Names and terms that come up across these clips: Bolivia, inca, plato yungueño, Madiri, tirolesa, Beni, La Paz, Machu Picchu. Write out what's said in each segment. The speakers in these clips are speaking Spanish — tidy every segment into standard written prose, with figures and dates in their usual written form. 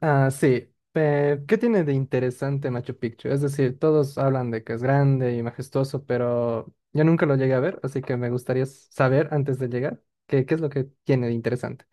Ah, sí. ¿Qué tiene de interesante Machu Picchu? Es decir, todos hablan de que es grande y majestuoso, pero yo nunca lo llegué a ver, así que me gustaría saber antes de llegar qué es lo que tiene de interesante.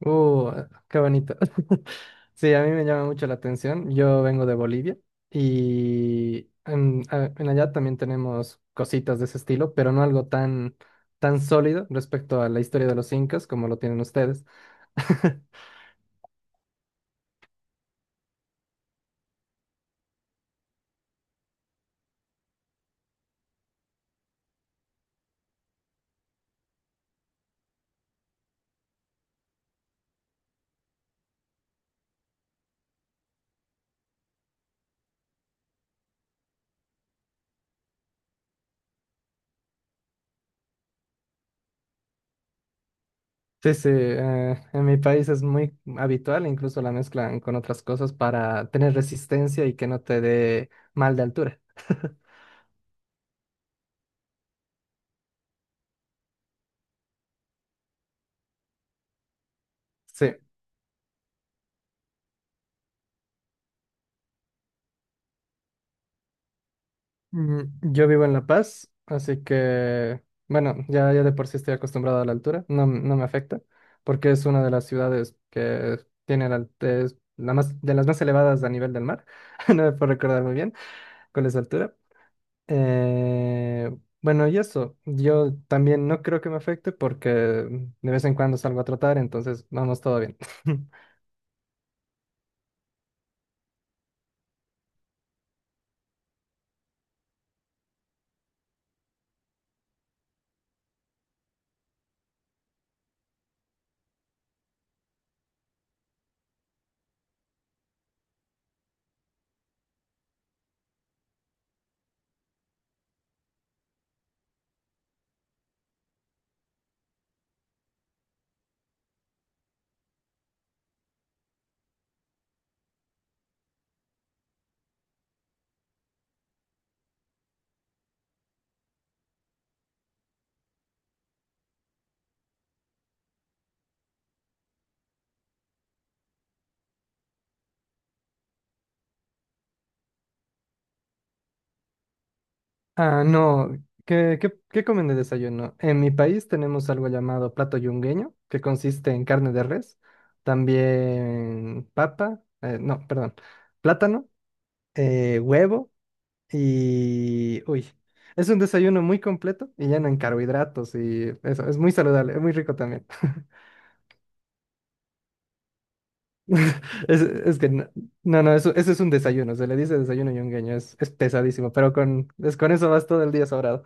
Uh, qué bonito. Sí, a mí me llama mucho la atención. Yo vengo de Bolivia y en allá también tenemos cositas de ese estilo, pero no algo tan sólido respecto a la historia de los incas como lo tienen ustedes. Sí, sí, en mi país es muy habitual, incluso la mezclan con otras cosas para tener resistencia y que no te dé mal de altura. Sí, yo vivo en La Paz, así que, bueno, ya de por sí estoy acostumbrado a la altura, no, no me afecta, porque es una de las ciudades que tiene es de las más elevadas a nivel del mar. No me puedo recordar muy bien cuál es la altura. Eh, bueno, y eso, yo también no creo que me afecte porque de vez en cuando salgo a trotar, entonces vamos todo bien. Ah, no, ¿ qué comen de desayuno? En mi país tenemos algo llamado plato yungueño, que consiste en carne de res, también papa, no, perdón, plátano, huevo y... Uy, es un desayuno muy completo y lleno en carbohidratos y eso, es muy saludable, es muy rico también. Es que no, no, no, eso es un desayuno, se le dice desayuno yungueño, es pesadísimo, pero con eso vas todo el día sobrado.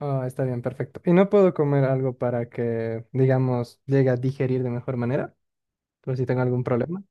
Ah, está bien, perfecto. Y no puedo comer algo para que, digamos, llegue a digerir de mejor manera, por si tengo algún problema.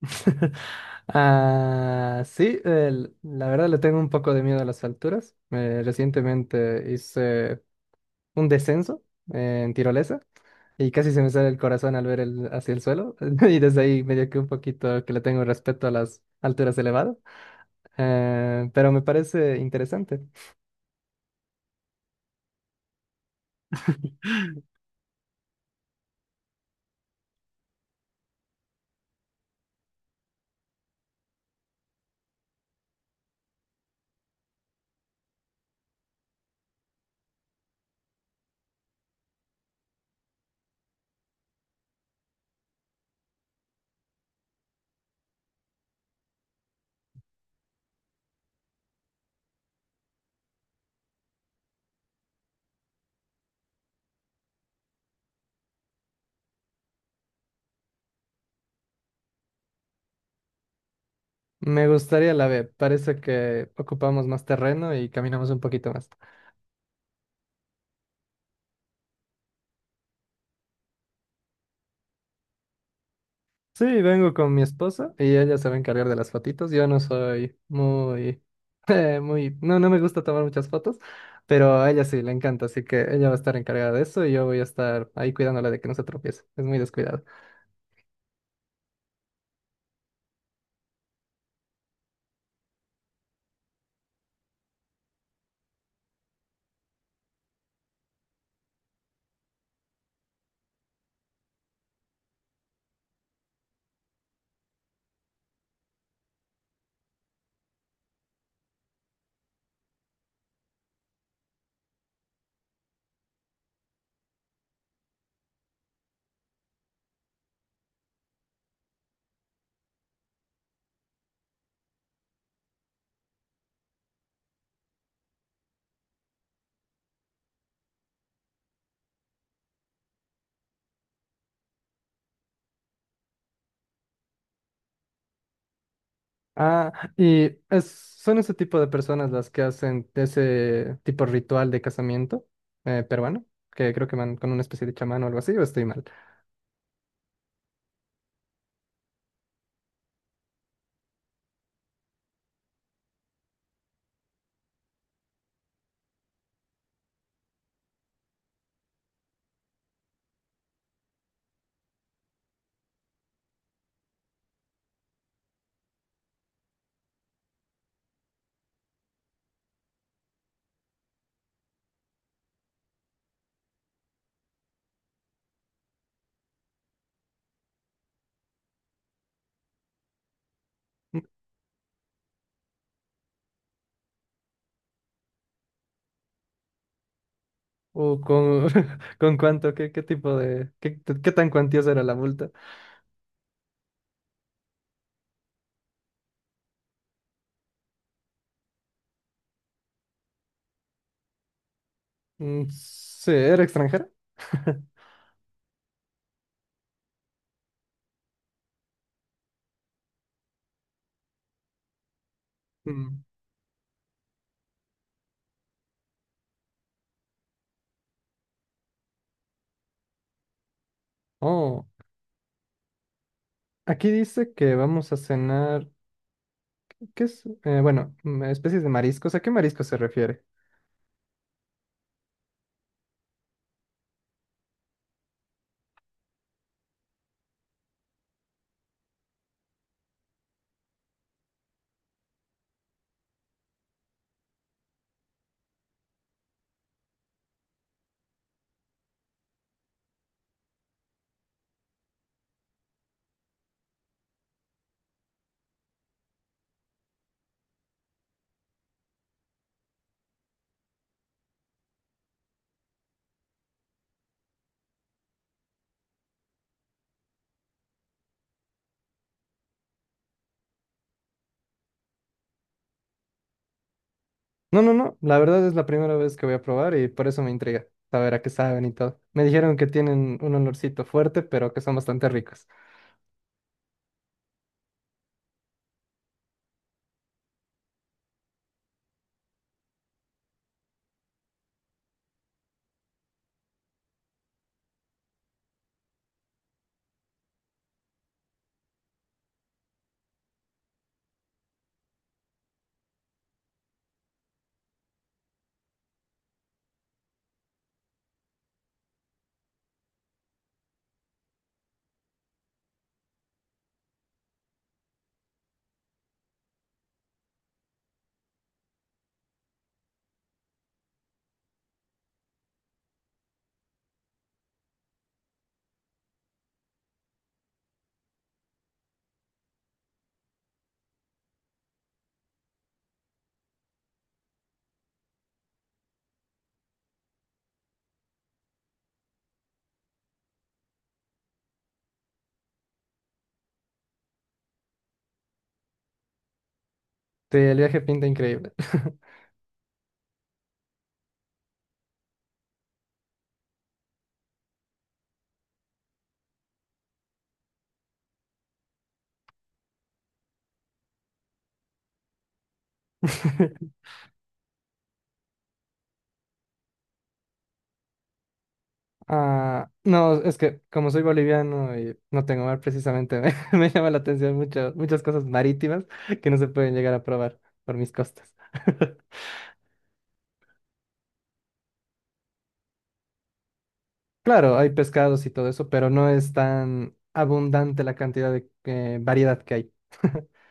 Ah, sí, la verdad le tengo un poco de miedo a las alturas. Recientemente hice un descenso en tirolesa y casi se me sale el corazón al ver hacia el suelo y desde ahí medio que un poquito que le tengo respeto a las alturas elevadas. Pero me parece interesante. Me gustaría la B, parece que ocupamos más terreno y caminamos un poquito más. Sí, vengo con mi esposa y ella se va a encargar de las fotitos. Yo no soy muy, no, no me gusta tomar muchas fotos, pero a ella sí le encanta, así que ella va a estar encargada de eso y yo voy a estar ahí cuidándola de que no se tropiece. Es muy descuidado. Ah, y es- son ese tipo de personas las que hacen ese tipo de ritual de casamiento peruano, que creo que van con una especie de chamán o algo así, o estoy mal. Mm, ¿o con, con cuánto? ¿Qué qué tan cuantiosa era la multa? Mm, sí, ¿era extranjera? Mm. Oh, aquí dice que vamos a cenar, ¿qué es? Bueno, mm, especies de mariscos. ¿A qué marisco se refiere? No, no, no. La verdad es la primera vez que voy a probar y por eso me intriga saber a qué saben y todo. Me dijeron que tienen un olorcito fuerte, pero que son bastante ricos. Sí, el viaje pinta increíble. Ah, no, es que como soy boliviano y no tengo mar precisamente, me llama la atención muchas cosas marítimas que no se pueden llegar a probar por mis costas. Claro, hay pescados y todo eso, pero no es tan abundante la cantidad de variedad que hay.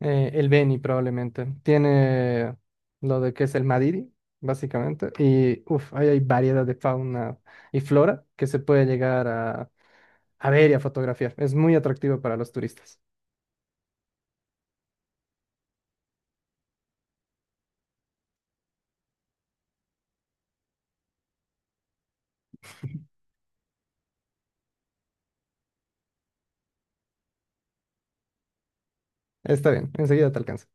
El Beni probablemente. Tiene lo de que es el Madiri, básicamente. Y uff, ahí hay variedad de fauna y flora que se puede llegar a ver y a fotografiar. Es muy atractivo para los turistas. Está bien, enseguida te alcanzo.